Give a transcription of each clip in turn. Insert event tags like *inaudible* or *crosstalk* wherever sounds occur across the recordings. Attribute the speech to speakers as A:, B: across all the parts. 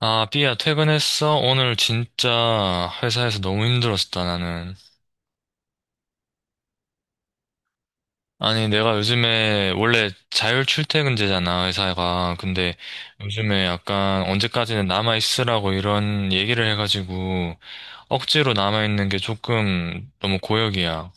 A: 아, 삐야, 퇴근했어? 오늘 진짜 회사에서 너무 힘들었다, 나는. 아니, 내가 요즘에 원래 자율 출퇴근제잖아, 회사가. 근데 요즘에 약간 언제까지는 남아있으라고 이런 얘기를 해가지고 억지로 남아있는 게 조금 너무 고역이야.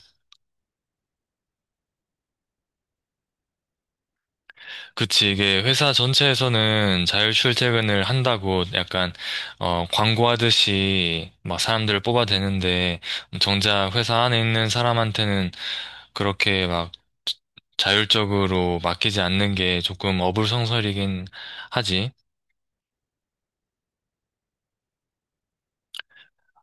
A: 그치, 이게 회사 전체에서는 자율 출퇴근을 한다고 약간, 광고하듯이 막 사람들을 뽑아대는데 정작 회사 안에 있는 사람한테는 그렇게 막 자율적으로 맡기지 않는 게 조금 어불성설이긴 하지.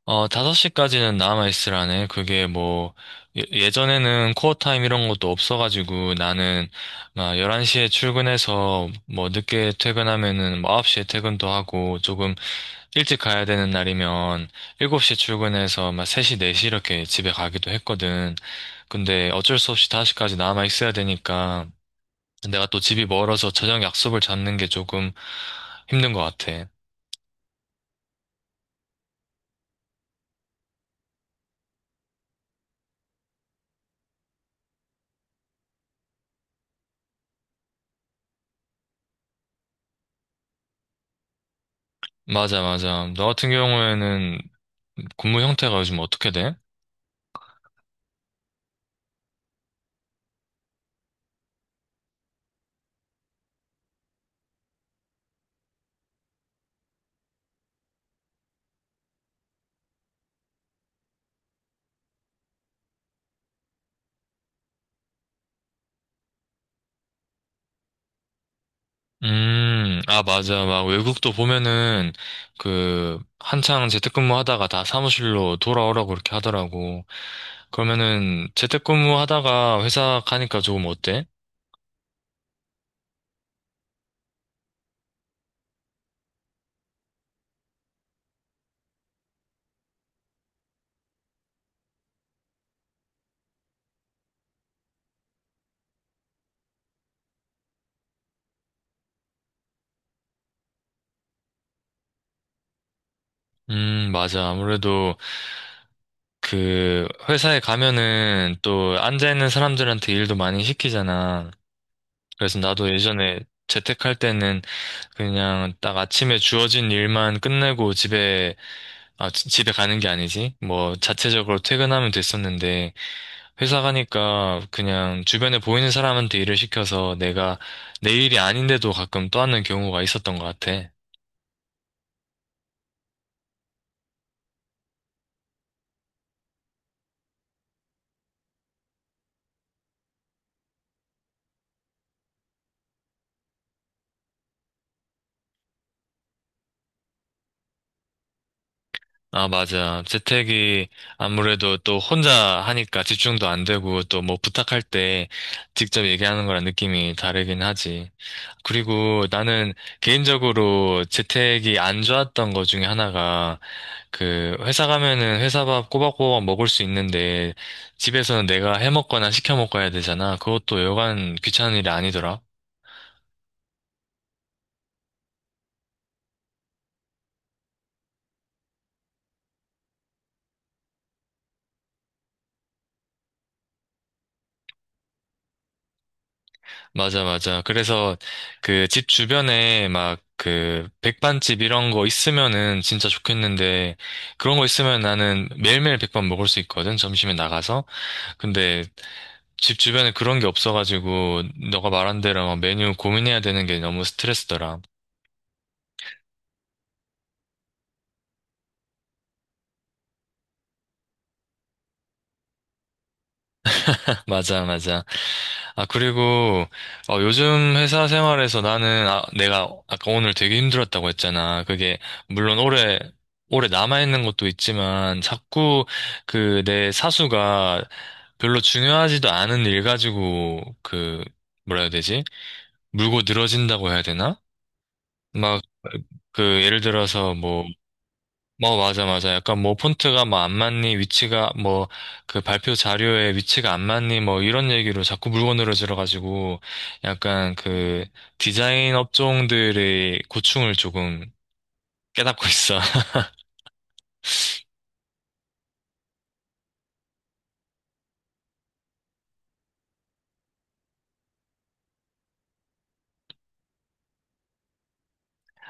A: 5시까지는 남아있으라네. 그게 뭐, 예전에는 코어 타임 이런 것도 없어가지고 나는 막 11시에 출근해서 뭐 늦게 퇴근하면은 뭐 9시에 퇴근도 하고 조금 일찍 가야 되는 날이면 7시에 출근해서 막 3시, 4시 이렇게 집에 가기도 했거든. 근데 어쩔 수 없이 5시까지 남아있어야 되니까 내가 또 집이 멀어서 저녁 약속을 잡는 게 조금 힘든 것 같아. 맞아, 맞아. 너 같은 경우에는 근무 형태가 요즘 어떻게 돼? 아, 맞아. 막 외국도 보면은 그 한창 재택근무 하다가 다 사무실로 돌아오라고 그렇게 하더라고. 그러면은 재택근무 하다가 회사 가니까 조금 어때? 맞아. 아무래도 그 회사에 가면은 또 앉아있는 사람들한테 일도 많이 시키잖아. 그래서 나도 예전에 재택할 때는 그냥 딱 아침에 주어진 일만 끝내고 집에, 아, 집에 가는 게 아니지. 뭐 자체적으로 퇴근하면 됐었는데 회사 가니까 그냥 주변에 보이는 사람한테 일을 시켜서 내가 내 일이 아닌데도 가끔 떠안는 경우가 있었던 것 같아. 아, 맞아. 재택이 아무래도 또 혼자 하니까 집중도 안 되고 또 뭐 부탁할 때 직접 얘기하는 거랑 느낌이 다르긴 하지. 그리고 나는 개인적으로 재택이 안 좋았던 것 중에 하나가 그 회사 가면은 회사 밥 꼬박꼬박 먹을 수 있는데 집에서는 내가 해 먹거나 시켜 먹고 해야 되잖아. 그것도 여간 귀찮은 일이 아니더라. 맞아, 맞아. 그래서 그 집 주변에 막 그 백반집 이런 거 있으면은 진짜 좋겠는데 그런 거 있으면 나는 매일매일 백반 먹을 수 있거든. 점심에 나가서. 근데 집 주변에 그런 게 없어가지고 너가 말한 대로 막 메뉴 고민해야 되는 게 너무 스트레스더라. 맞아, 맞아. 아, 그리고, 요즘 회사 생활에서 나는, 아, 내가 아까 오늘 되게 힘들었다고 했잖아. 그게, 물론 올해 남아있는 것도 있지만, 자꾸 그 내 사수가 별로 중요하지도 않은 일 가지고, 그, 뭐라 해야 되지? 물고 늘어진다고 해야 되나? 막, 그, 예를 들어서 뭐, 뭐, 맞아, 맞아. 약간 뭐, 폰트가 뭐, 안 맞니, 위치가 뭐, 그 발표 자료에 위치가 안 맞니, 뭐, 이런 얘기로 자꾸 물건늘어지러가지고, 약간 그, 디자인 업종들의 고충을 조금 깨닫고 있어. *laughs*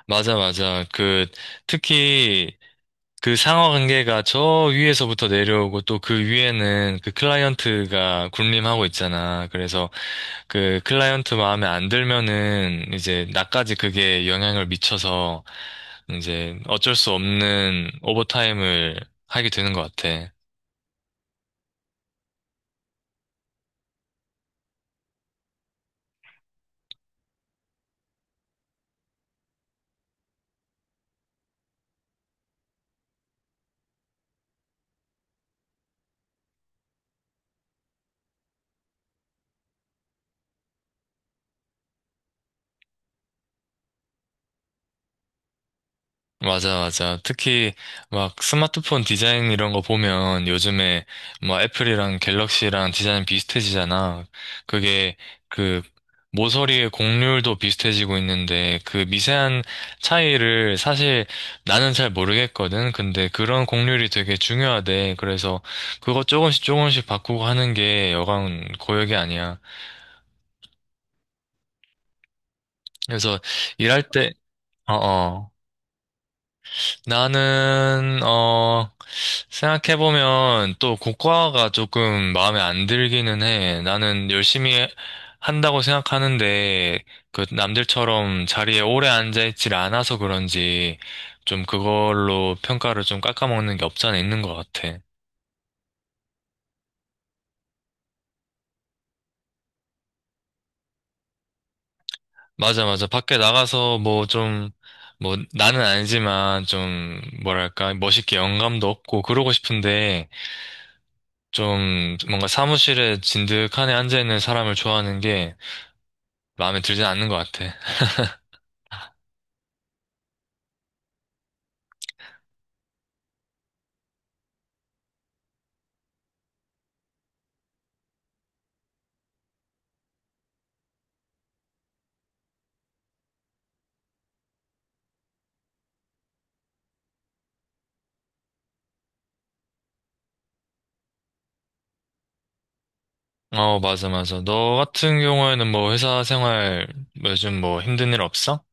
A: 맞아, 맞아. 그, 특히, 그 상하 관계가 저 위에서부터 내려오고 또 그 위에는 그 클라이언트가 군림하고 있잖아. 그래서 그 클라이언트 마음에 안 들면은 이제 나까지 그게 영향을 미쳐서 이제 어쩔 수 없는 오버타임을 하게 되는 것 같아. 맞아, 맞아. 특히 막 스마트폰 디자인 이런 거 보면 요즘에 뭐 애플이랑 갤럭시랑 디자인 비슷해지잖아. 그게 그 모서리의 곡률도 비슷해지고 있는데 그 미세한 차이를 사실 나는 잘 모르겠거든. 근데 그런 곡률이 되게 중요하대. 그래서 그거 조금씩 조금씩 바꾸고 하는 게 여간 고역이 아니야. 그래서 일할 때, 어어. 나는, 생각해보면 또 국과가 조금 마음에 안 들기는 해. 나는 열심히 한다고 생각하는데, 그 남들처럼 자리에 오래 앉아있질 않아서 그런지, 좀 그걸로 평가를 좀 깎아먹는 게 없지 않아 있는 것 같아. 맞아, 맞아. 밖에 나가서 뭐 좀, 뭐 나는 아니지만 좀, 뭐랄까, 멋있게 영감도 없고 그러고 싶은데, 좀 뭔가 사무실에 진득하니 앉아있는 사람을 좋아하는 게 마음에 들진 않는 것 같아. 어, 맞아, 맞아. 너 같은 경우에는 뭐 회사 생활 요즘 뭐 힘든 일 없어?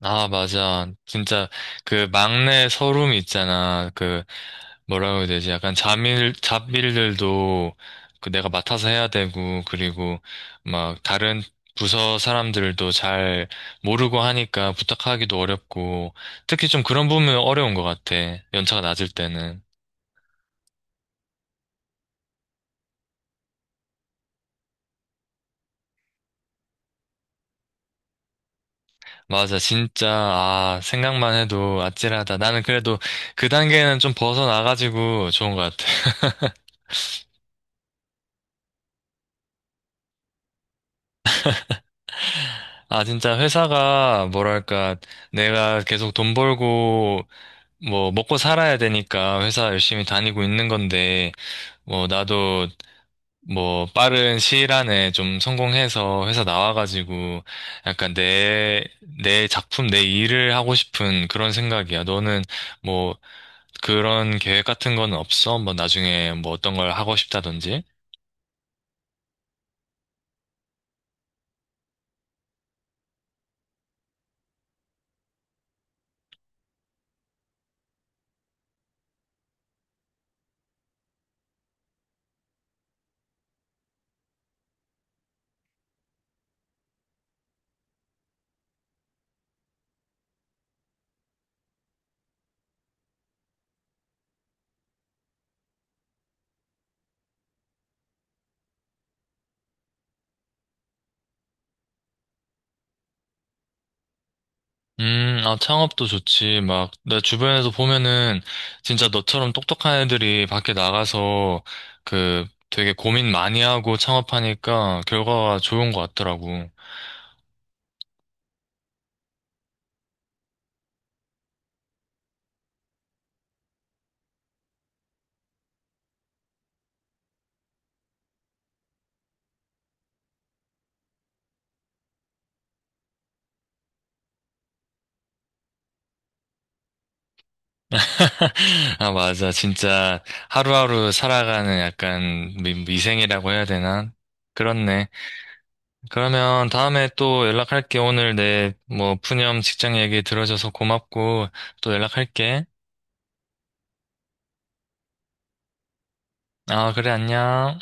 A: 아, 맞아. 진짜 그 막내 서름이 있잖아. 그 뭐라고 해야 되지? 약간 잡일들도 그 내가 맡아서 해야 되고, 그리고 막 다른 부서 사람들도 잘 모르고 하니까 부탁하기도 어렵고, 특히 좀 그런 부분은 어려운 것 같아. 연차가 낮을 때는. 맞아, 진짜, 아, 생각만 해도 아찔하다. 나는 그래도 그 단계는 좀 벗어나가지고 좋은 것 같아. *laughs* 아, 진짜 회사가 뭐랄까, 내가 계속 돈 벌고 뭐 먹고 살아야 되니까 회사 열심히 다니고 있는 건데 뭐 나도 뭐 빠른 시일 안에 좀 성공해서 회사 나와가지고 약간 내 작품 내 일을 하고 싶은 그런 생각이야. 너는 뭐 그런 계획 같은 건 없어? 뭐 나중에 뭐 어떤 걸 하고 싶다든지? 아, 창업도 좋지. 막, 내 주변에서 보면은, 진짜 너처럼 똑똑한 애들이 밖에 나가서, 그, 되게 고민 많이 하고 창업하니까 결과가 좋은 것 같더라고. *laughs* 아, 맞아. 진짜 하루하루 살아가는 약간 미생이라고 해야 되나? 그렇네. 그러면 다음에 또 연락할게. 오늘 뭐, 푸념 직장 얘기 들어줘서 고맙고, 또 연락할게. 아, 그래, 안녕.